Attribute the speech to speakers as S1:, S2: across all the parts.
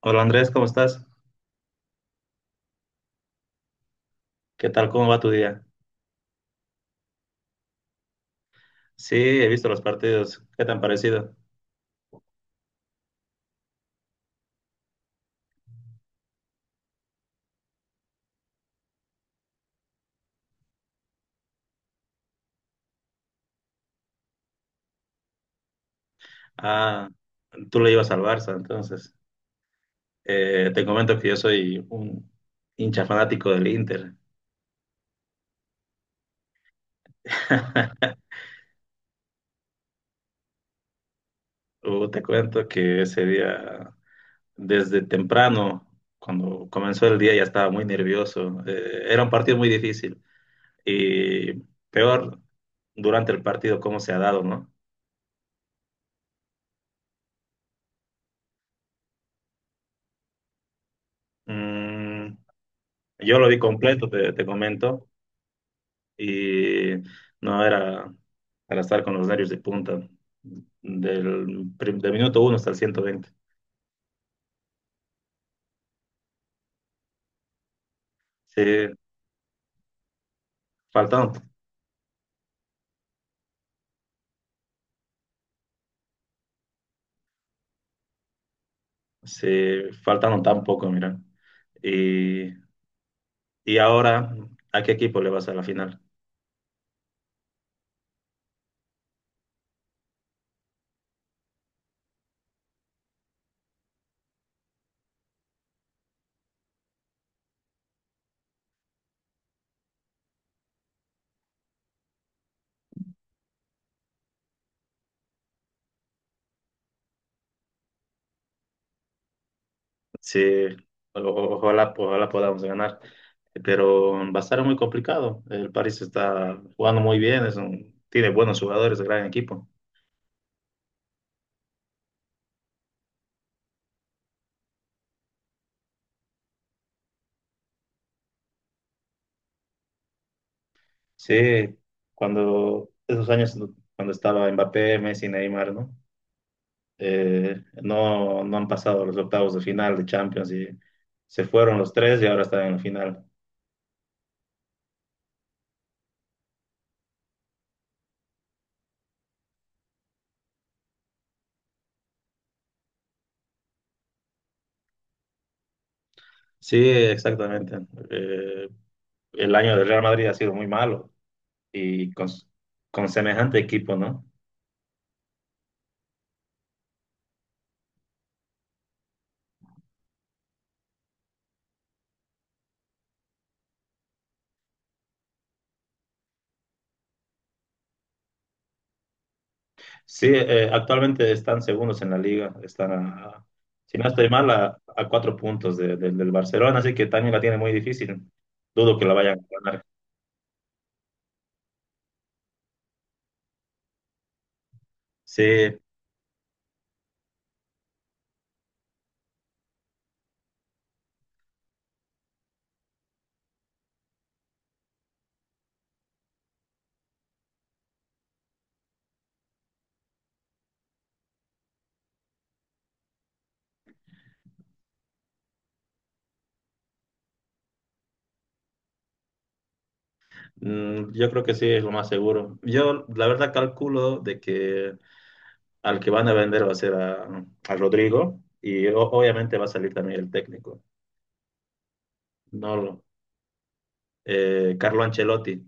S1: Hola Andrés, ¿cómo estás? ¿Qué tal? ¿Cómo va tu día? Sí, he visto los partidos. ¿Qué tan parecido? Ah, tú le ibas al Barça, entonces. Te comento que yo soy un hincha fanático del Inter. Te cuento que ese día, desde temprano, cuando comenzó el día, ya estaba muy nervioso. Era un partido muy difícil. Y peor, durante el partido, cómo se ha dado, ¿no? Mm, yo lo vi completo, te comento. Y no era para estar con los nervios de punta, del minuto uno hasta el 120. Sí, faltaron, se faltaron tan poco, mira. Y, y ahora, ¿a qué equipo le vas a la final? Sí, ojalá, ojalá podamos ganar, pero va a estar muy complicado. El París está jugando muy bien, tiene buenos jugadores, gran equipo. Sí, cuando esos años, cuando estaba Mbappé, Messi, Neymar, ¿no? No no han pasado los octavos de final de Champions y se fueron los tres y ahora están en la final. Sí, exactamente. Eh, el año del Real Madrid ha sido muy malo y con semejante equipo, ¿no? Sí, actualmente están segundos en la liga, están a, si no estoy mal, a 4 puntos del Barcelona, así que también la tiene muy difícil. Dudo que la vayan a ganar. Sí, mm, yo creo que sí, es lo más seguro. Yo, la verdad, calculo de que al que van a vender va a ser a Rodrigo y obviamente va a salir también el técnico, no lo- Carlo Ancelotti,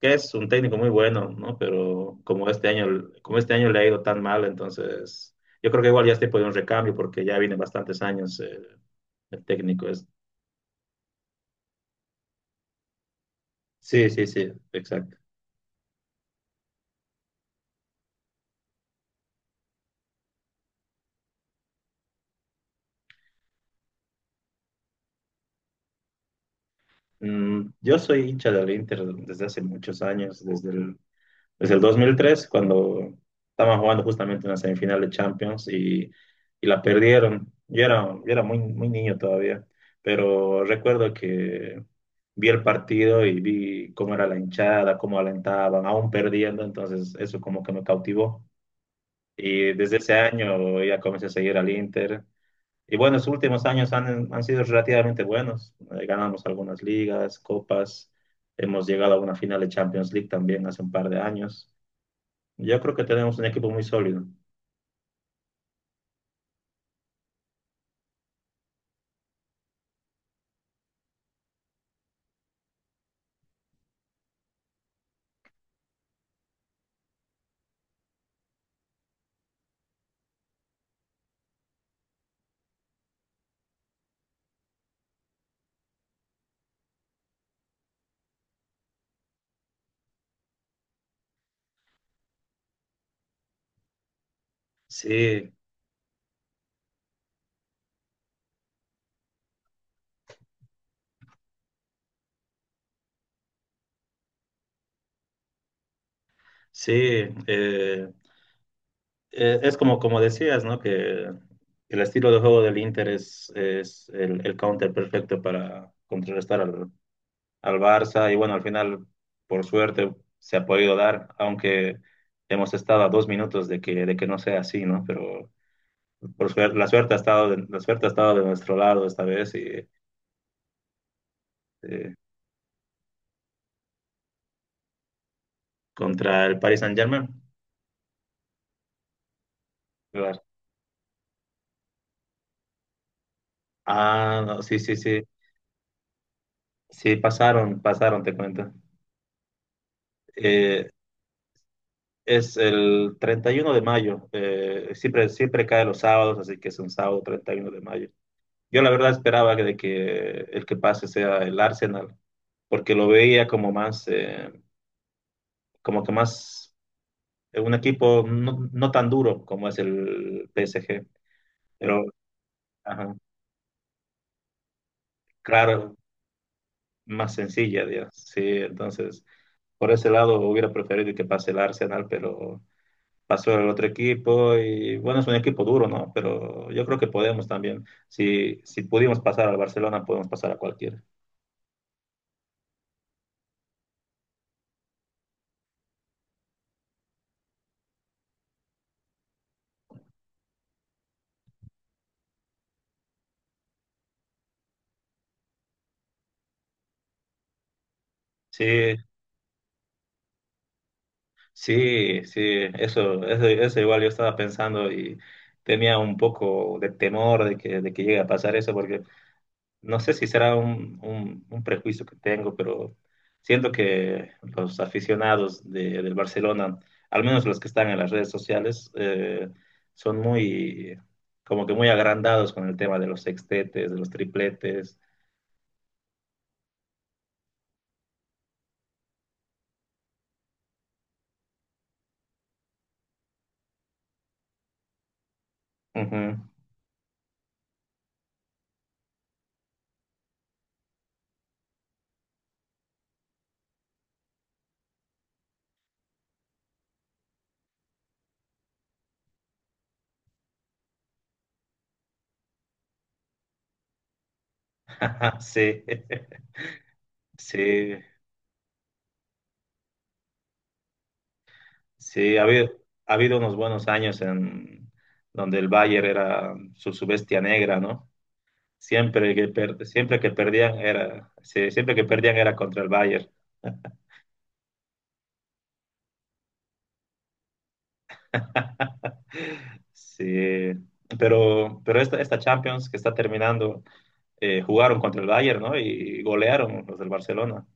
S1: que es un técnico muy bueno, ¿no? Pero como este año le ha ido tan mal, entonces yo creo que igual ya es tiempo de un recambio porque ya viene bastantes años el técnico. Es... Sí, exacto. Mm, yo soy hincha del Inter desde hace muchos años, Desde el 2003, cuando estaban jugando justamente una semifinal de Champions, y la perdieron. Yo era muy, muy niño todavía, pero recuerdo que vi el partido y vi cómo era la hinchada, cómo alentaban, aún perdiendo, entonces eso como que me cautivó. Y desde ese año ya comencé a seguir al Inter. Y bueno, los últimos años han sido relativamente buenos. Ganamos algunas ligas, copas, hemos llegado a una final de Champions League también hace un par de años. Yo creo que tenemos un equipo muy sólido. Sí, sí. eh, es como, como decías, ¿no? Que el estilo de juego del Inter es el counter perfecto para contrarrestar al, al Barça. Y bueno, al final, por suerte, se ha podido dar, aunque hemos estado a 2 minutos de que no sea así, ¿no? Pero por suerte, la suerte ha estado de nuestro lado esta vez y eh, contra el Paris Saint-Germain. Claro. Ah, no, sí, sí, sí. Sí, pasaron, pasaron, te cuento. Eh, es el 31 de mayo, siempre, siempre cae los sábados, así que es un sábado 31 de mayo. Yo la verdad esperaba que, de que el que pase sea el Arsenal, porque lo veía como más, como que más, un equipo no, no tan duro como es el PSG, pero ajá, claro, más sencilla, digamos. Sí, entonces, por ese lado hubiera preferido que pase el Arsenal, pero... pasó el otro equipo y bueno, es un equipo duro, ¿no? Pero yo creo que podemos también. Si, si pudimos pasar al Barcelona, podemos pasar a cualquiera. Sí, sí, eso igual yo estaba pensando y tenía un poco de temor de que llegue a pasar eso, porque no sé si será un prejuicio que tengo, pero siento que los aficionados del Barcelona, al menos los que están en las redes sociales, son muy, como que muy agrandados con el tema de los sextetes, de los tripletes. Ujú. Sí, sí, sí. Ha habido unos buenos años en donde el Bayern era su, su bestia negra, ¿no? Siempre que perdían era, sí, siempre que perdían era contra el Bayern. Sí, pero esta, esta Champions que está terminando, jugaron contra el Bayern, ¿no? Y golearon los del Barcelona.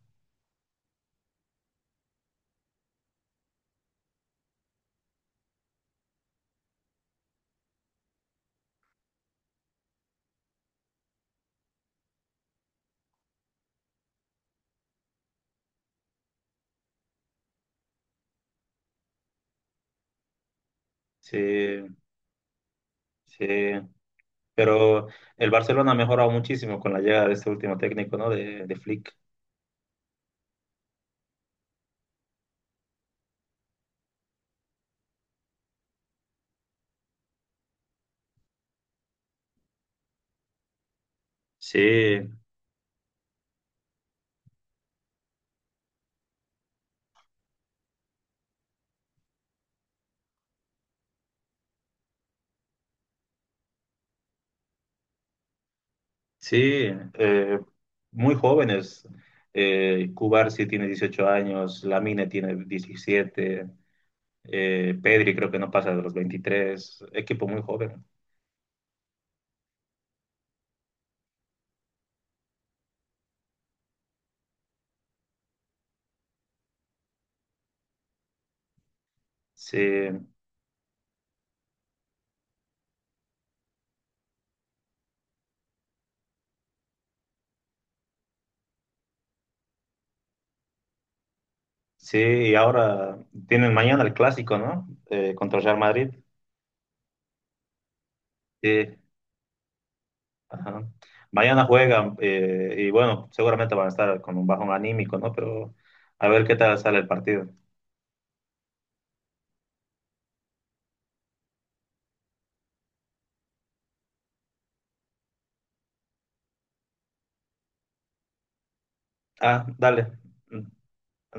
S1: Sí, sí. Pero el Barcelona ha mejorado muchísimo con la llegada de este último técnico, ¿no? De Flick. Sí, sí. Muy jóvenes. Cubarsí tiene 18 años, Lamine tiene 17, Pedri creo que no pasa de los 23. Equipo muy joven. Sí. Sí, y ahora tienen mañana el clásico, ¿no? Contra el Real Madrid. Sí, ajá. Mañana juegan y bueno, seguramente van a estar con un bajón anímico, ¿no? Pero a ver qué tal sale el partido. Ah, dale, mm,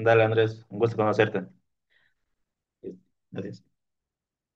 S1: dale Andrés, un gusto conocerte. Adiós.